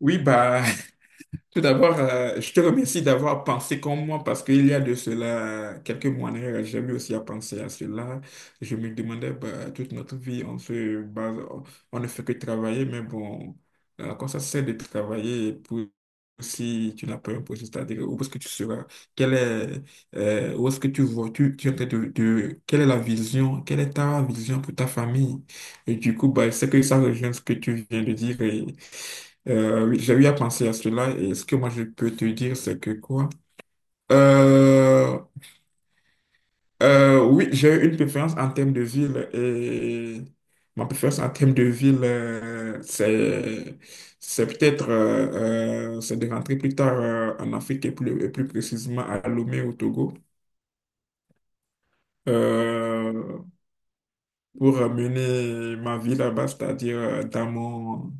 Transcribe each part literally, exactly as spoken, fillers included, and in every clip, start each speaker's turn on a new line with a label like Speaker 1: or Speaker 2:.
Speaker 1: Oui, bah, tout d'abord, euh, je te remercie d'avoir pensé comme moi parce qu'il y a de cela quelques mois, en arrière, j'ai eu aussi à penser à cela. Je me demandais, bah, toute notre vie, on se base, on ne fait que travailler, mais bon, euh, quand ça sert de travailler pour si tu n'as pas un projet, c'est-à-dire où est-ce que tu seras, quel est, euh, où est-ce que tu vois, tu, tu es en train de, de- quelle est la vision, quelle est ta vision pour ta famille? Et du coup, bah, c'est que ça rejoint ce que tu viens de dire. et euh, oui, j'ai eu à penser à cela et ce que moi je peux te dire, c'est que quoi? Euh, euh, oui, j'ai eu une préférence en termes de ville et ma préférence en termes de ville, euh, c'est c'est peut-être euh, euh, c'est de rentrer plus tard euh, en Afrique et plus, et plus précisément à Lomé au Togo. Euh, pour ramener ma vie là-bas, c'est-à-dire euh, dans mon,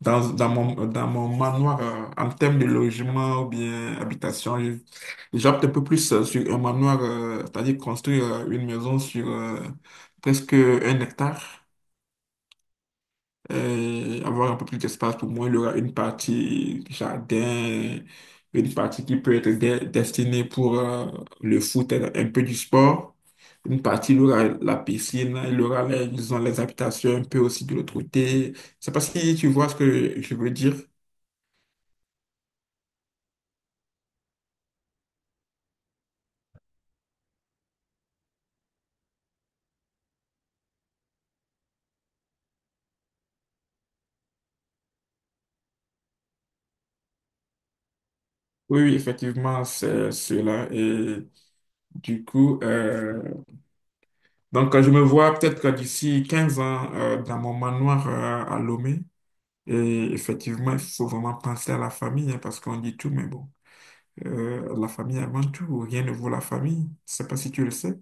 Speaker 1: dans, dans mon, dans mon manoir, euh, en termes de logement ou bien habitation, je- j'opte un peu plus euh, sur un manoir, euh, c'est-à-dire construire euh, une maison sur euh, presque un hectare euh, avoir un peu plus d'espace pour moi. Il y aura une partie jardin, une partie qui peut être de- destinée pour euh, le foot, et un peu du sport. Une partie, il y aura la piscine, il y aura les, disons, les habitations un peu aussi de l'autre côté. C'est parce que tu vois ce que je veux dire. Oui, oui, effectivement, c'est cela. Et du coup, euh, donc je me vois peut-être que d'ici quinze ans euh, dans mon manoir euh, à Lomé. Et effectivement, il faut vraiment penser à la famille, hein, parce qu'on dit tout, mais bon, euh, la famille avant tout, rien ne vaut la famille. Je ne sais pas si tu le sais.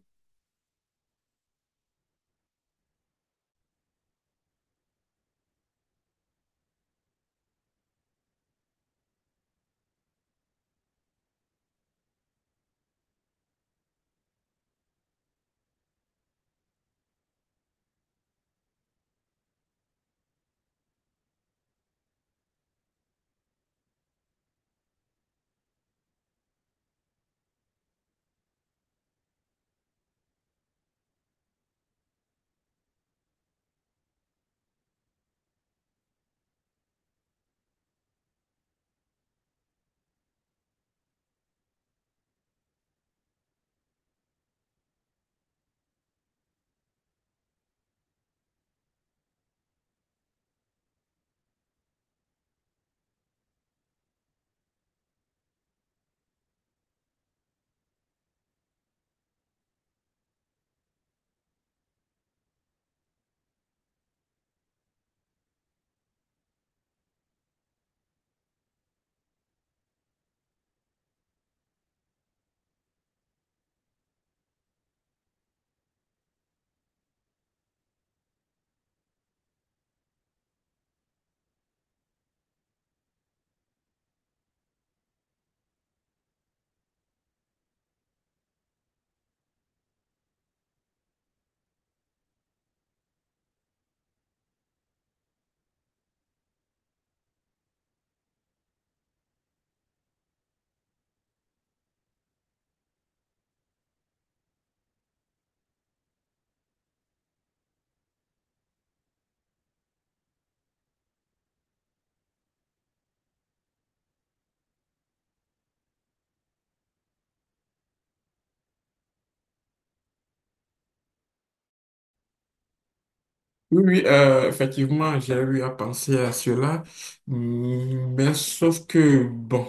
Speaker 1: Oui, oui, euh, effectivement, j'ai eu à penser à cela, Mm, mais sauf que, bon,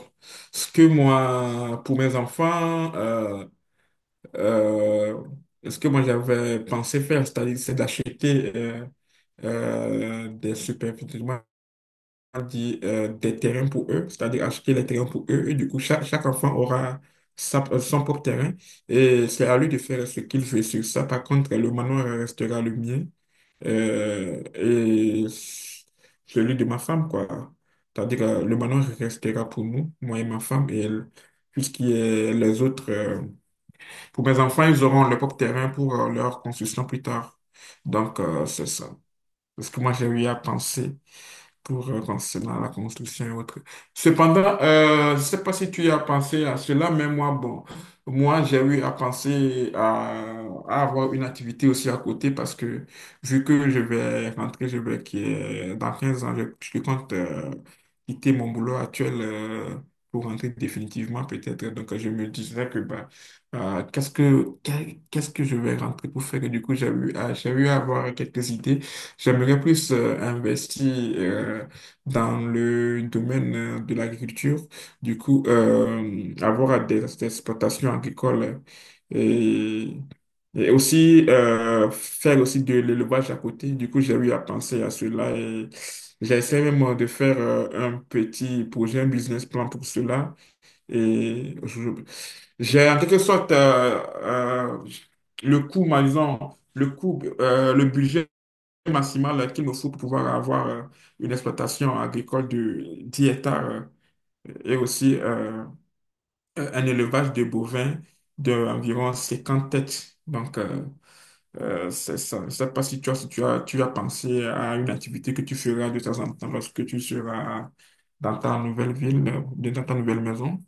Speaker 1: ce que moi, pour mes enfants, euh, euh, ce que moi j'avais pensé faire, c'est-à-dire c'est d'acheter euh, euh, des super dit, euh, des terrains pour eux, c'est-à-dire acheter les terrains pour eux. Et du coup, chaque, chaque enfant aura sa- euh, son propre terrain et c'est à lui de faire ce qu'il veut sur ça. Par contre, le manoir restera le mien euh, et celui de ma femme, quoi. C'est-à-dire, euh, le manoir restera pour nous, moi et ma femme, et le- tout ce qui est les autres. euh, pour mes enfants, ils auront leur propre terrain pour euh, leur construction plus tard. Donc, euh, c'est ça. C'est ce que moi j'ai eu à penser pour euh, concernant la construction et autres. Cependant, euh, je ne sais pas si tu as pensé à cela, mais moi, bon, moi, j'ai eu à penser à, à avoir une activité aussi à côté parce que vu que je vais rentrer, je vais qui est- dans quinze ans, je, je compte euh, quitter mon boulot actuel euh, pour rentrer définitivement peut-être. Donc, je me disais que bah, euh, qu'est-ce que qu'est- qu'est-ce que je vais rentrer pour faire? Et du coup, j'ai eu à, j'ai eu à avoir quelques idées. J'aimerais plus euh, investir euh, dans le domaine euh, de l'agriculture, du coup, euh, avoir des, des exploitations agricoles et, et aussi euh, faire aussi de l'élevage à côté. Du coup, j'ai eu à penser à cela et j'essaie même de faire euh, un petit projet, un business plan pour cela. Et je- j'ai en quelque sorte euh, euh, le coût, par exemple, le coût, euh, le budget maximale euh, qu'il nous faut pour pouvoir avoir euh, une exploitation agricole de dix hectares euh, et aussi euh, un élevage de bovins d'environ cinquante têtes. Donc, euh, euh, c'est ça. Je ne sais pas si tu as, si tu as, tu as pensé à une activité que tu feras de temps en temps lorsque tu seras dans ta nouvelle ville, euh, dans ta nouvelle maison.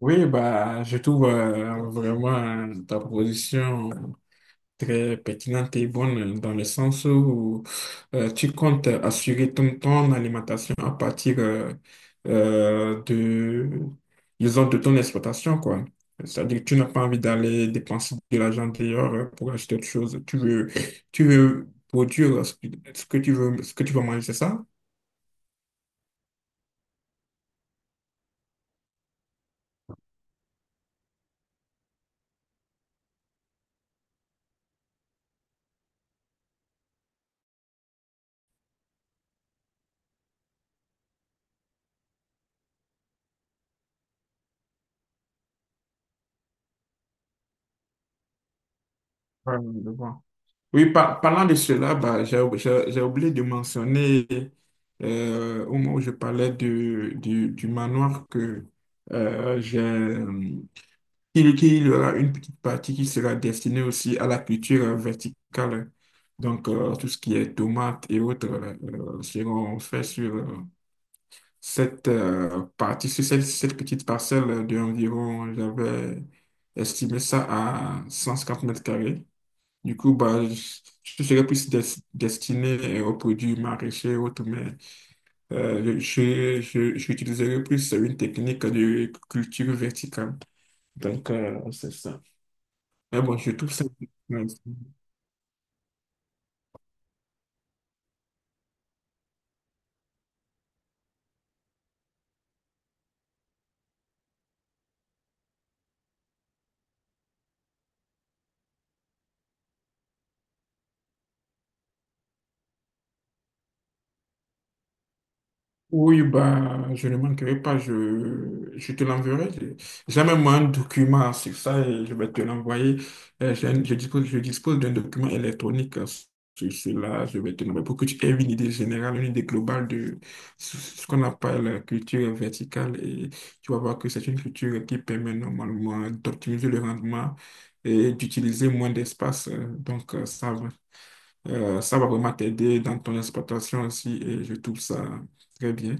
Speaker 1: Oui, bah, je trouve euh, vraiment euh, ta position très pertinente et bonne dans le sens où euh, tu comptes assurer ton, ton alimentation à partir euh, euh, de, disons, de ton exploitation, quoi. C'est-à-dire que tu n'as pas envie d'aller dépenser de l'argent dehors euh, pour acheter autre chose. Tu veux tu veux produire ce que ce que tu veux, ce que tu veux manger, c'est ça? Ouais, je vois. Oui, par- parlant de cela, bah, j'ai j'ai- j'ai oublié de mentionner euh, au moment où je parlais du, du, du manoir que euh, j'ai. Qu'il qu'il y aura une petite partie qui sera destinée aussi à la culture euh, verticale. Donc, euh, tout ce qui est tomates et autres euh, euh, seront faits sur euh, cette euh, partie, sur cette, cette petite parcelle d'environ, j'avais estimé ça à cent cinquante mètres carrés. Du coup, bah, je je serais plus des- destiné euh, aux produits maraîchers et autres, mais euh, je, je, je- j'utiliserai plus une technique de culture verticale. Donc, euh, c'est ça. Mais bon, je trouve ça nice. Oui, bah, je ne manquerai pas, je, je te l'enverrai. Je- J'ai même un document sur ça et je vais te l'envoyer. Euh, j'ai un- Je dispose, je dispose, d'un document électronique euh, sur cela. Je vais te l'envoyer pour que tu aies une idée générale, une idée globale de ce ce qu'on appelle la culture verticale. Et tu vas voir que c'est une culture qui permet normalement d'optimiser le rendement et d'utiliser moins d'espace. Euh, Donc, euh, ça va. Euh, ça va vraiment t'aider dans ton exploitation aussi et je trouve ça très bien.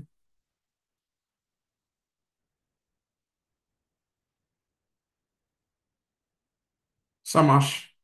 Speaker 1: Ça marche.